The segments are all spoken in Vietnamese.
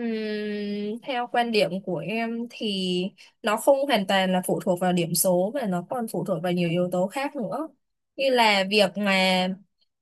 Ừm, Theo quan điểm của em thì nó không hoàn toàn là phụ thuộc vào điểm số mà nó còn phụ thuộc vào nhiều yếu tố khác nữa, như là việc mà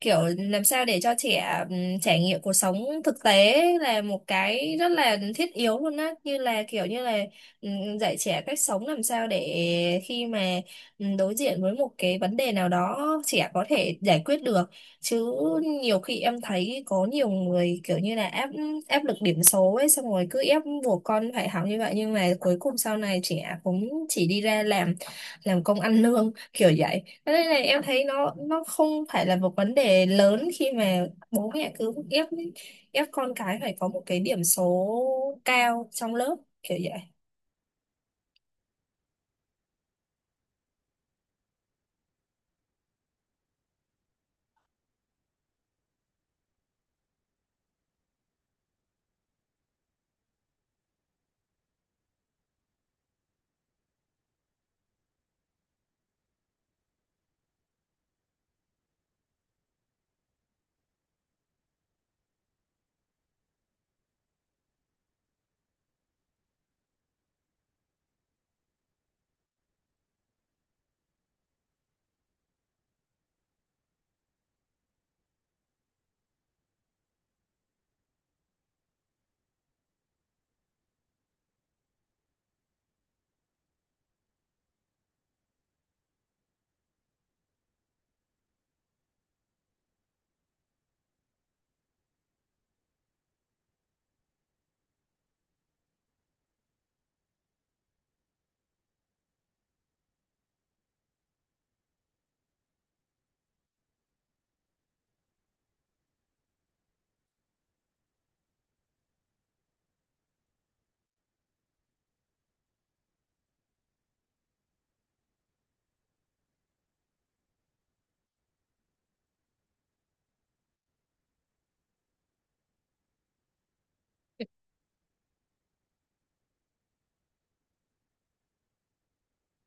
kiểu làm sao để cho trẻ trải nghiệm cuộc sống thực tế là một cái rất là thiết yếu luôn á, như là kiểu như là dạy trẻ cách sống làm sao để khi mà đối diện với một cái vấn đề nào đó, trẻ có thể giải quyết được chứ. Nhiều khi em thấy có nhiều người kiểu như là áp áp lực điểm số ấy, xong rồi cứ ép buộc con phải học như vậy, nhưng mà cuối cùng sau này trẻ cũng chỉ đi ra làm công ăn lương kiểu vậy. Thế nên là em thấy nó không phải là một vấn đề lớn khi mà bố mẹ cứ ép ép con cái phải có một cái điểm số cao trong lớp, kiểu vậy.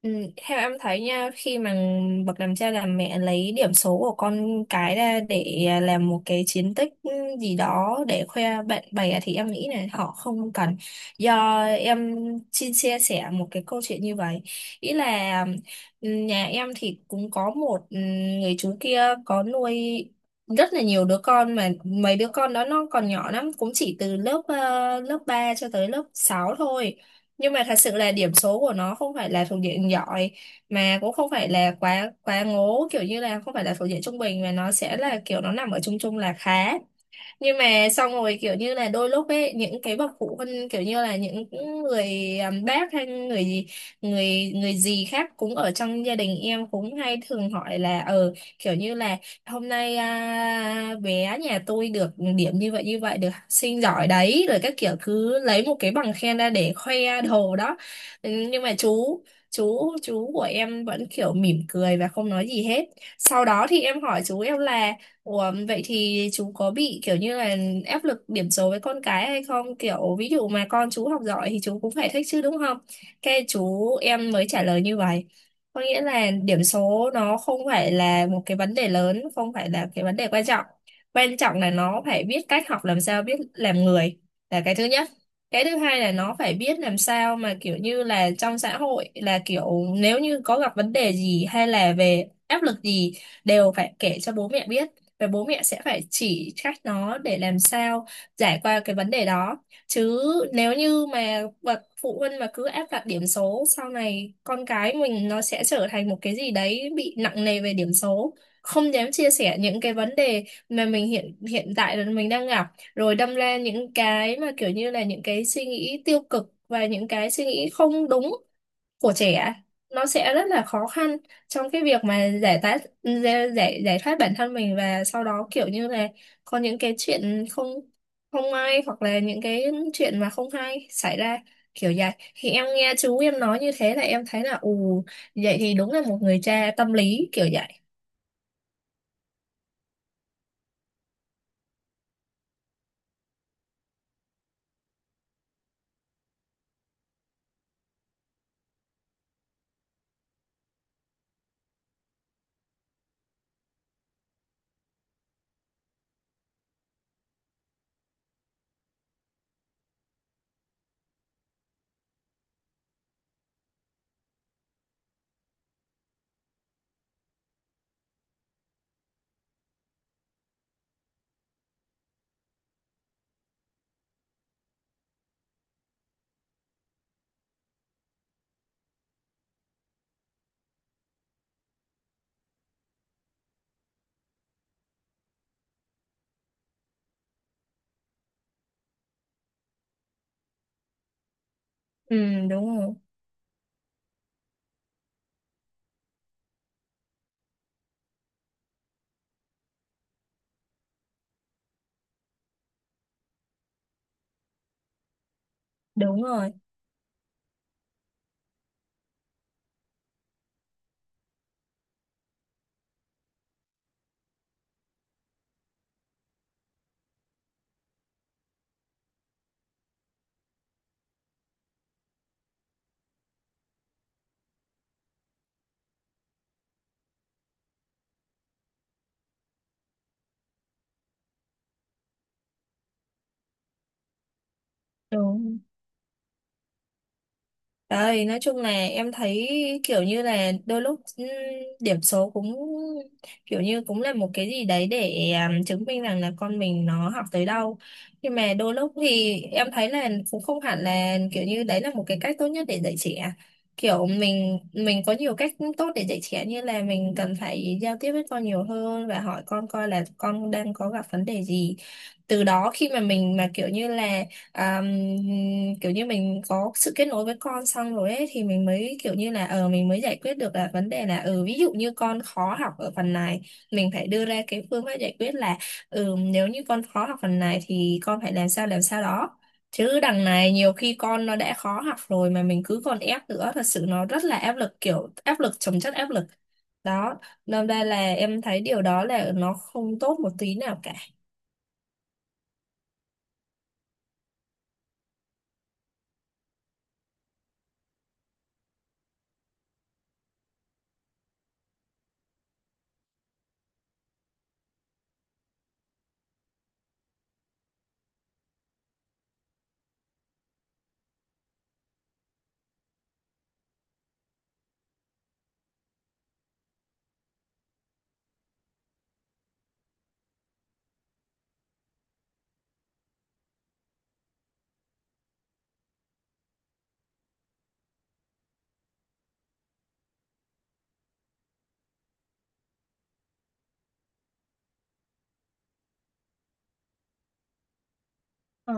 Ừ, theo em thấy nha, khi mà bậc làm cha làm mẹ lấy điểm số của con cái ra để làm một cái chiến tích gì đó để khoe bạn bè thì em nghĩ là họ không cần. Do em xin chia sẻ một cái câu chuyện như vậy. Ý là nhà em thì cũng có một người chú kia có nuôi rất là nhiều đứa con, mà mấy đứa con đó nó còn nhỏ lắm, cũng chỉ từ lớp lớp 3 cho tới lớp 6 thôi. Nhưng mà thật sự là điểm số của nó không phải là thuộc diện giỏi, mà cũng không phải là quá quá ngố, kiểu như là không phải là thuộc diện trung bình, mà nó sẽ là kiểu nó nằm ở chung chung là khá. Nhưng mà xong rồi kiểu như là đôi lúc ấy, những cái bậc phụ huynh kiểu như là những người bác hay người gì, người người gì khác cũng ở trong gia đình em cũng hay thường hỏi là ờ, kiểu như là hôm nay bé nhà tôi được điểm như vậy như vậy, được học sinh giỏi đấy, rồi các kiểu cứ lấy một cái bằng khen ra để khoe đồ đó. Ừ, nhưng mà chú của em vẫn kiểu mỉm cười và không nói gì hết. Sau đó thì em hỏi chú em là: Ủa, vậy thì chú có bị kiểu như là áp lực điểm số với con cái hay không? Kiểu ví dụ mà con chú học giỏi thì chú cũng phải thích chứ đúng không? Cái chú em mới trả lời như vậy. Có nghĩa là điểm số nó không phải là một cái vấn đề lớn, không phải là cái vấn đề quan trọng. Quan trọng là nó phải biết cách học làm sao, biết làm người là cái thứ nhất. Cái thứ hai là nó phải biết làm sao mà kiểu như là trong xã hội là kiểu nếu như có gặp vấn đề gì hay là về áp lực gì đều phải kể cho bố mẹ biết, và bố mẹ sẽ phải chỉ cách nó để làm sao giải qua cái vấn đề đó. Chứ nếu như mà bậc phụ huynh mà cứ áp đặt điểm số, sau này con cái mình nó sẽ trở thành một cái gì đấy bị nặng nề về điểm số, không dám chia sẻ những cái vấn đề mà mình hiện hiện tại là mình đang gặp, rồi đâm ra những cái mà kiểu như là những cái suy nghĩ tiêu cực và những cái suy nghĩ không đúng của trẻ, nó sẽ rất là khó khăn trong cái việc mà giải tát giải giải giải thoát bản thân mình, và sau đó kiểu như là có những cái chuyện không không may hoặc là những cái chuyện mà không hay xảy ra, kiểu vậy. Thì em nghe chú em nói như thế là em thấy là ù, vậy thì đúng là một người cha tâm lý kiểu vậy. Ừ, đúng rồi. Đúng rồi. Đúng. Đấy, nói chung là em thấy kiểu như là đôi lúc điểm số cũng kiểu như cũng là một cái gì đấy để chứng minh rằng là con mình nó học tới đâu. Nhưng mà đôi lúc thì em thấy là cũng không hẳn là kiểu như đấy là một cái cách tốt nhất để dạy trẻ. Kiểu mình có nhiều cách tốt để dạy trẻ, như là mình cần phải giao tiếp với con nhiều hơn và hỏi con coi là con đang có gặp vấn đề gì. Từ đó khi mà mình mà kiểu như là à, kiểu như mình có sự kết nối với con xong rồi ấy, thì mình mới kiểu như là ờ, mình mới giải quyết được là vấn đề là ừ, ví dụ như con khó học ở phần này, mình phải đưa ra cái phương pháp giải quyết là ừ, nếu như con khó học phần này thì con phải làm sao đó. Chứ đằng này nhiều khi con nó đã khó học rồi mà mình cứ còn ép nữa, thật sự nó rất là áp lực, kiểu áp lực chồng chất áp lực đó. Nên ra là em thấy điều đó là nó không tốt một tí nào cả. Ờ.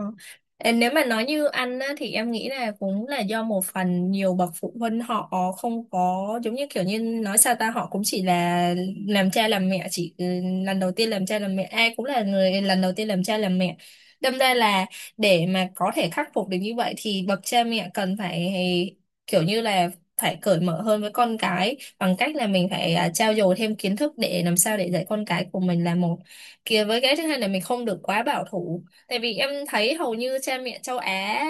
Ờ, nếu mà nói như ăn á, thì em nghĩ là cũng là do một phần nhiều bậc phụ huynh họ không có, giống như kiểu như nói sao ta, họ cũng chỉ là làm cha làm mẹ chỉ lần đầu tiên làm cha làm mẹ, ai cũng là người lần đầu tiên làm cha làm mẹ. Đâm ra là để mà có thể khắc phục được như vậy thì bậc cha mẹ cần phải kiểu như là phải cởi mở hơn với con cái bằng cách là mình phải trau dồi thêm kiến thức để làm sao để dạy con cái của mình là một kia, với cái thứ hai là mình không được quá bảo thủ. Tại vì em thấy hầu như cha mẹ châu Á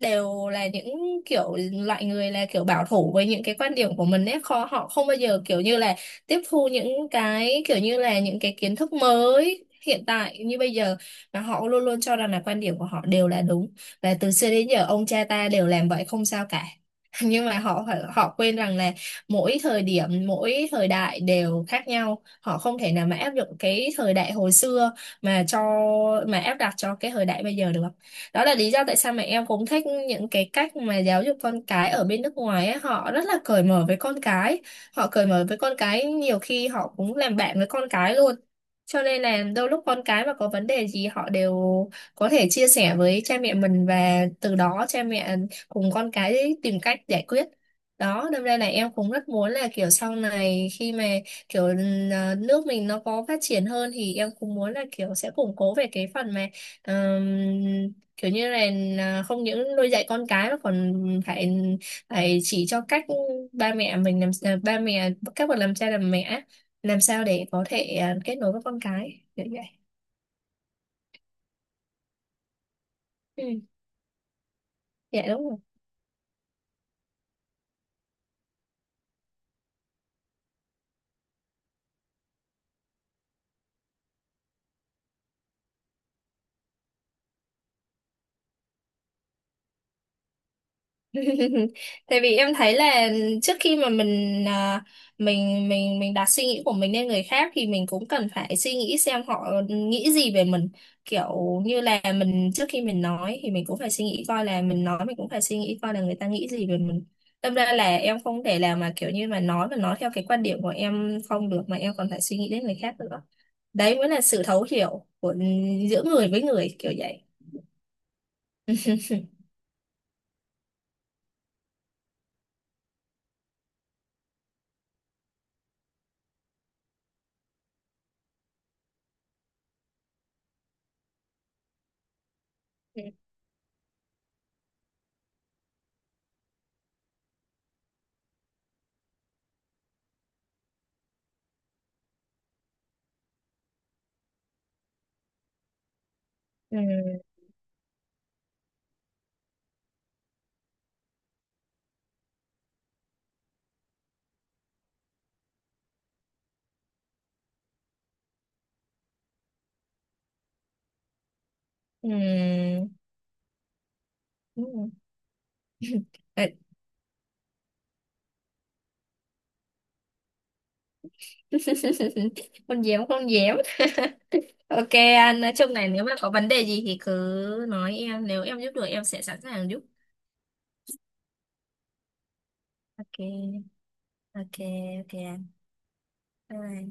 đều là những kiểu loại người là kiểu bảo thủ với những cái quan điểm của mình ấy, khó, họ không bao giờ kiểu như là tiếp thu những cái kiểu như là những cái kiến thức mới hiện tại như bây giờ, mà họ luôn luôn cho rằng là quan điểm của họ đều là đúng và từ xưa đến giờ ông cha ta đều làm vậy không sao cả. Nhưng mà họ họ quên rằng là mỗi thời điểm, mỗi thời đại đều khác nhau, họ không thể nào mà áp dụng cái thời đại hồi xưa mà cho mà áp đặt cho cái thời đại bây giờ được. Đó là lý do tại sao mà em cũng thích những cái cách mà giáo dục con cái ở bên nước ngoài ấy, họ rất là cởi mở với con cái, họ cởi mở với con cái nhiều khi họ cũng làm bạn với con cái luôn. Cho nên là đôi lúc con cái mà có vấn đề gì họ đều có thể chia sẻ với cha mẹ mình, và từ đó cha mẹ cùng con cái tìm cách giải quyết. Đó đâm ra là em cũng rất muốn là kiểu sau này khi mà kiểu nước mình nó có phát triển hơn thì em cũng muốn là kiểu sẽ củng cố về cái phần mà ờm, kiểu như là không những nuôi dạy con cái mà còn phải phải chỉ cho cách ba mẹ mình làm ba mẹ các bậc làm cha làm mẹ làm sao để có thể kết nối với con cái kiểu như vậy. Ừ, dạ đúng rồi. Tại vì em thấy là trước khi mà mình mình đặt suy nghĩ của mình lên người khác thì mình cũng cần phải suy nghĩ xem họ nghĩ gì về mình. Kiểu như là mình trước khi mình nói thì mình cũng phải suy nghĩ coi là mình nói, mình cũng phải suy nghĩ coi là người ta nghĩ gì về mình. Đâm ra là em không thể làm mà kiểu như mà nói theo cái quan điểm của em không được, mà em còn phải suy nghĩ đến người khác nữa. Đấy mới là sự thấu hiểu của giữa người với người, kiểu vậy. Ừ. Ừ. Ừ. Ừ. Không dám, không dám. Ok anh, nói chung này, nếu mà có vấn đề gì thì cứ nói em, nếu em giúp được em sẽ sẵn sàng giúp. Ok. Ok. Ok anh. Bye, bye.